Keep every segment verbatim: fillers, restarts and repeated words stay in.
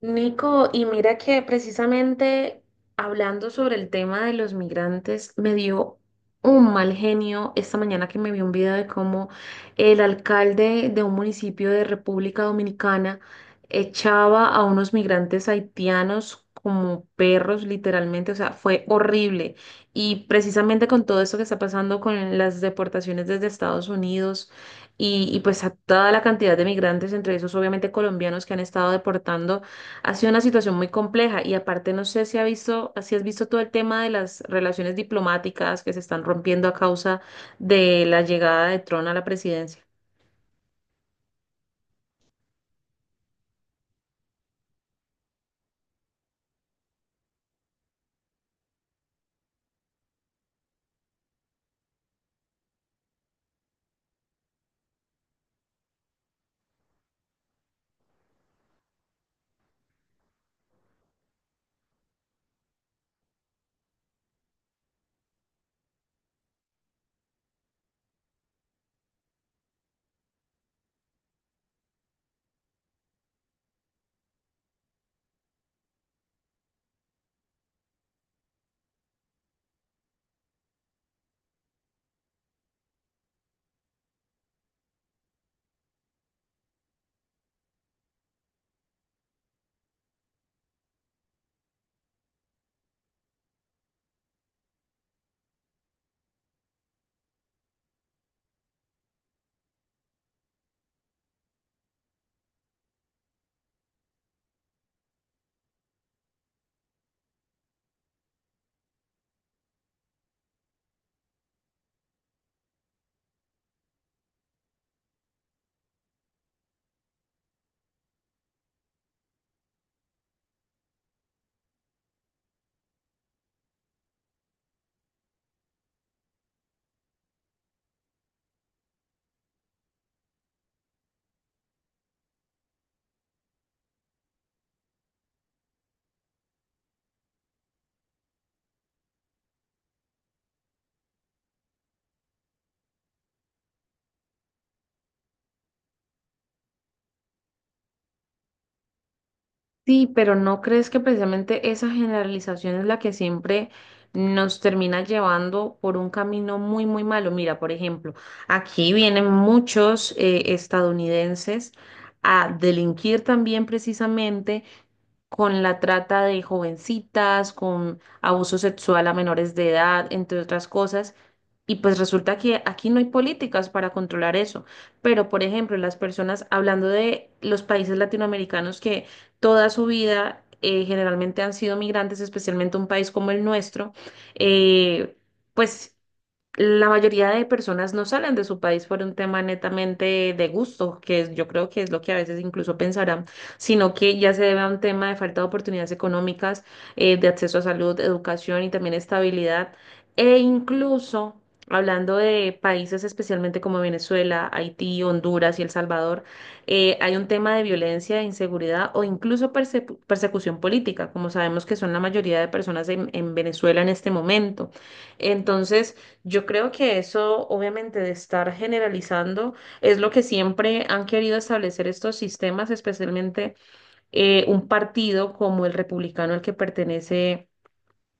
Nico, y mira que precisamente hablando sobre el tema de los migrantes, me dio un mal genio esta mañana que me vi un video de cómo el alcalde de un municipio de República Dominicana echaba a unos migrantes haitianos como perros, literalmente, o sea, fue horrible. Y precisamente con todo esto que está pasando con las deportaciones desde Estados Unidos y, y pues a toda la cantidad de migrantes, entre esos obviamente colombianos que han estado deportando. Ha sido una situación muy compleja y aparte no sé si ha visto, si has visto todo el tema de las relaciones diplomáticas que se están rompiendo a causa de la llegada de Trump a la presidencia. Sí, pero ¿no crees que precisamente esa generalización es la que siempre nos termina llevando por un camino muy, muy malo? Mira, por ejemplo, aquí vienen muchos eh, estadounidenses a delinquir también precisamente con la trata de jovencitas, con abuso sexual a menores de edad, entre otras cosas. Y pues resulta que aquí no hay políticas para controlar eso. Pero, por ejemplo, las personas, hablando de los países latinoamericanos que toda su vida eh, generalmente han sido migrantes, especialmente un país como el nuestro, eh, pues... La mayoría de personas no salen de su país por un tema netamente de gusto, que es- yo creo que es lo que a veces incluso pensarán, sino que ya se debe a un tema de falta de oportunidades económicas, eh, de acceso a salud, educación y también estabilidad. E incluso, hablando de países especialmente como Venezuela, Haití, Honduras y El Salvador, eh, hay un tema de violencia, de inseguridad o incluso persecu- persecución política, como sabemos que son la mayoría de personas en en Venezuela en este momento. Entonces, yo creo que eso, obviamente, de estar generalizando es lo que siempre han querido establecer estos sistemas, especialmente eh, un partido como el republicano al que pertenece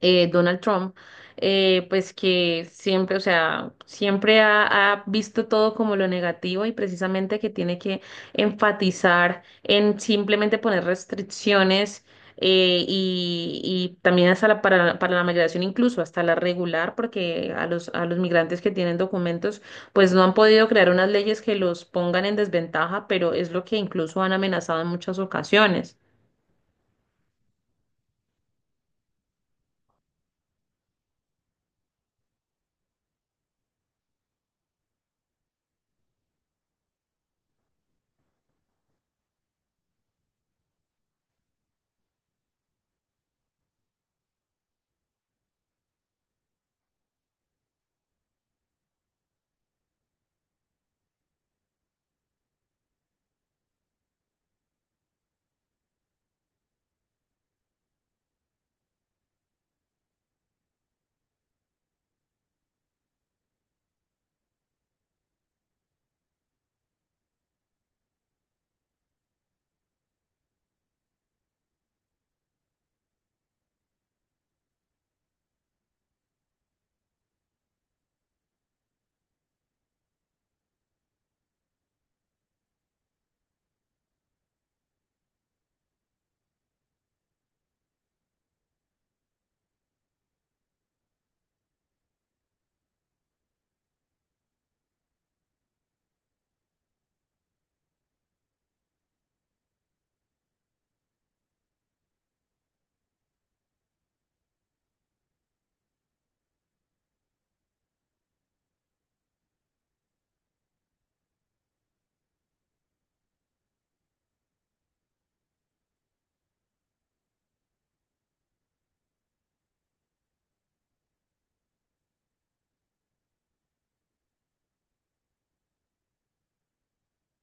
eh, Donald Trump, eh, pues que siempre, o sea, siempre ha, ha visto todo como lo negativo y precisamente que tiene que enfatizar en simplemente poner restricciones. eh, y, y también hasta la, para, para la migración, incluso hasta la regular, porque a los, a los migrantes que tienen documentos, pues no han podido crear unas leyes que los pongan en desventaja, pero es lo que incluso han amenazado en muchas ocasiones.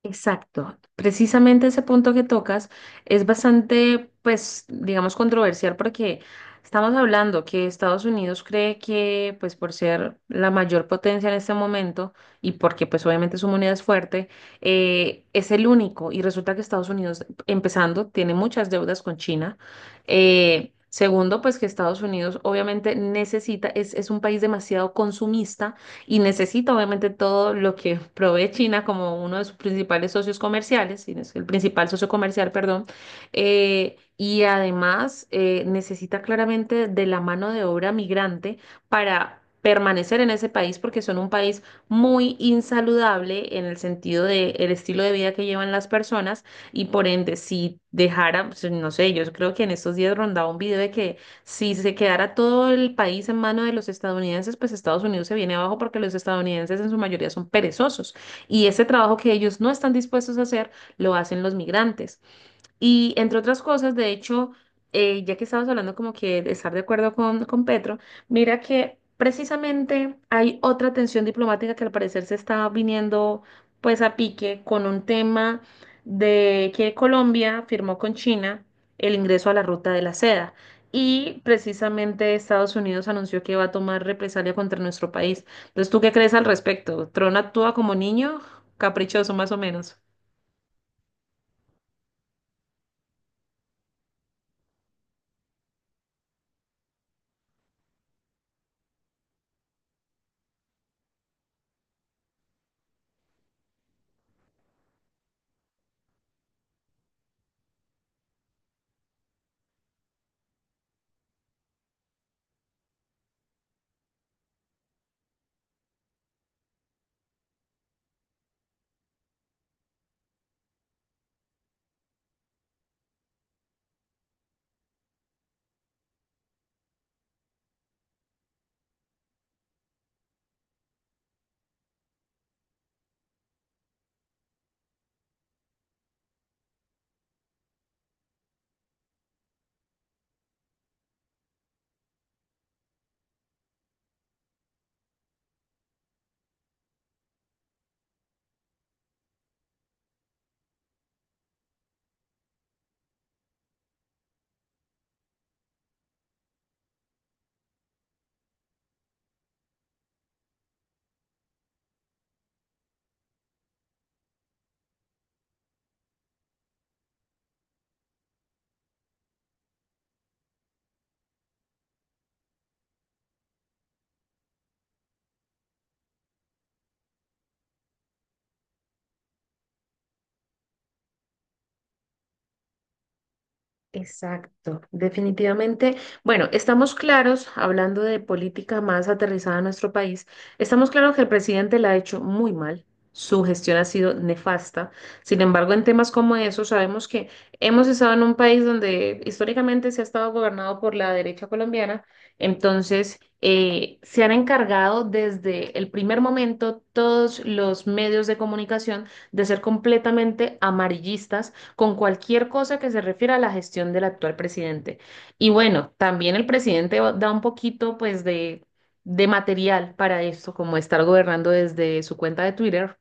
Exacto. Precisamente ese punto que tocas es bastante, pues, digamos, controversial porque estamos hablando que Estados Unidos cree que, pues, por ser la mayor potencia en este momento y porque, pues, obviamente su moneda es fuerte, eh, es el único. Y resulta que Estados Unidos, empezando, tiene muchas deudas con China. Eh, Segundo, pues que Estados Unidos obviamente necesita, es, es un país demasiado consumista y necesita obviamente todo lo que provee China como uno de sus principales socios comerciales, si no es el principal socio comercial, perdón, eh, y además eh, necesita claramente de la mano de obra migrante para... permanecer en ese país porque son un país muy insaludable en el sentido de el estilo de vida que llevan las personas y por ende si dejara, pues, no sé, yo creo que en estos días rondaba un video de que si se quedara todo el país en mano de los estadounidenses, pues Estados Unidos se viene abajo porque los estadounidenses en su mayoría son perezosos y ese trabajo que ellos no están dispuestos a hacer lo hacen los migrantes. Y entre otras cosas, de hecho, eh, ya que estabas hablando como que de estar de acuerdo con, con Petro, mira que precisamente hay otra tensión diplomática que al parecer se está viniendo pues a pique con un tema de que Colombia firmó con China el ingreso a la ruta de la seda. Y precisamente Estados Unidos anunció que va a tomar represalia contra nuestro país. Entonces, ¿tú qué crees al respecto? ¿Tron actúa como niño? Caprichoso, más o menos. Exacto, definitivamente. Bueno, estamos claros, hablando de política más aterrizada a nuestro país, estamos claros que el presidente la ha hecho muy mal, su gestión ha sido nefasta. Sin embargo, en temas como esos, sabemos que hemos estado en un país donde históricamente se ha estado gobernado por la derecha colombiana, entonces eh, se han encargado desde el primer momento todos los medios de comunicación de ser completamente amarillistas con cualquier cosa que se refiera a la gestión del actual presidente. Y bueno, también el presidente va- da un poquito pues de, de material para esto, como estar gobernando desde su cuenta de Twitter.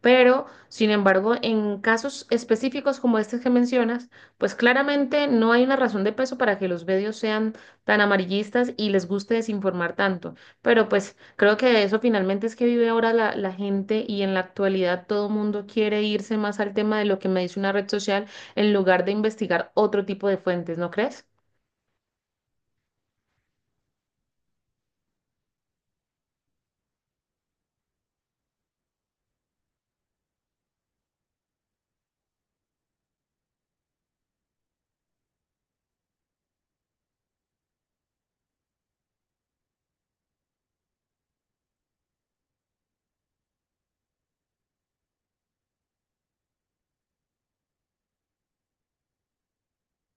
Pero, sin embargo, en casos específicos como este que mencionas, pues claramente no hay una razón de peso para que los medios sean tan amarillistas y les guste desinformar tanto. Pero pues creo que de eso finalmente es que vive ahora la, la gente y en la actualidad todo el mundo quiere irse más al tema de lo que me dice una red social en lugar de investigar otro tipo de fuentes, ¿no crees?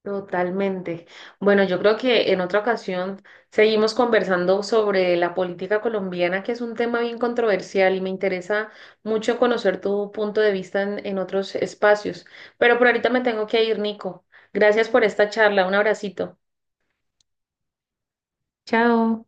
Totalmente. Bueno, yo creo que en otra ocasión seguimos conversando sobre la política colombiana, que es un tema bien controversial y me interesa mucho conocer tu punto de vista en, en otros espacios. Pero por ahorita me tengo que ir, Nico. Gracias por esta charla. Un abracito. Chao.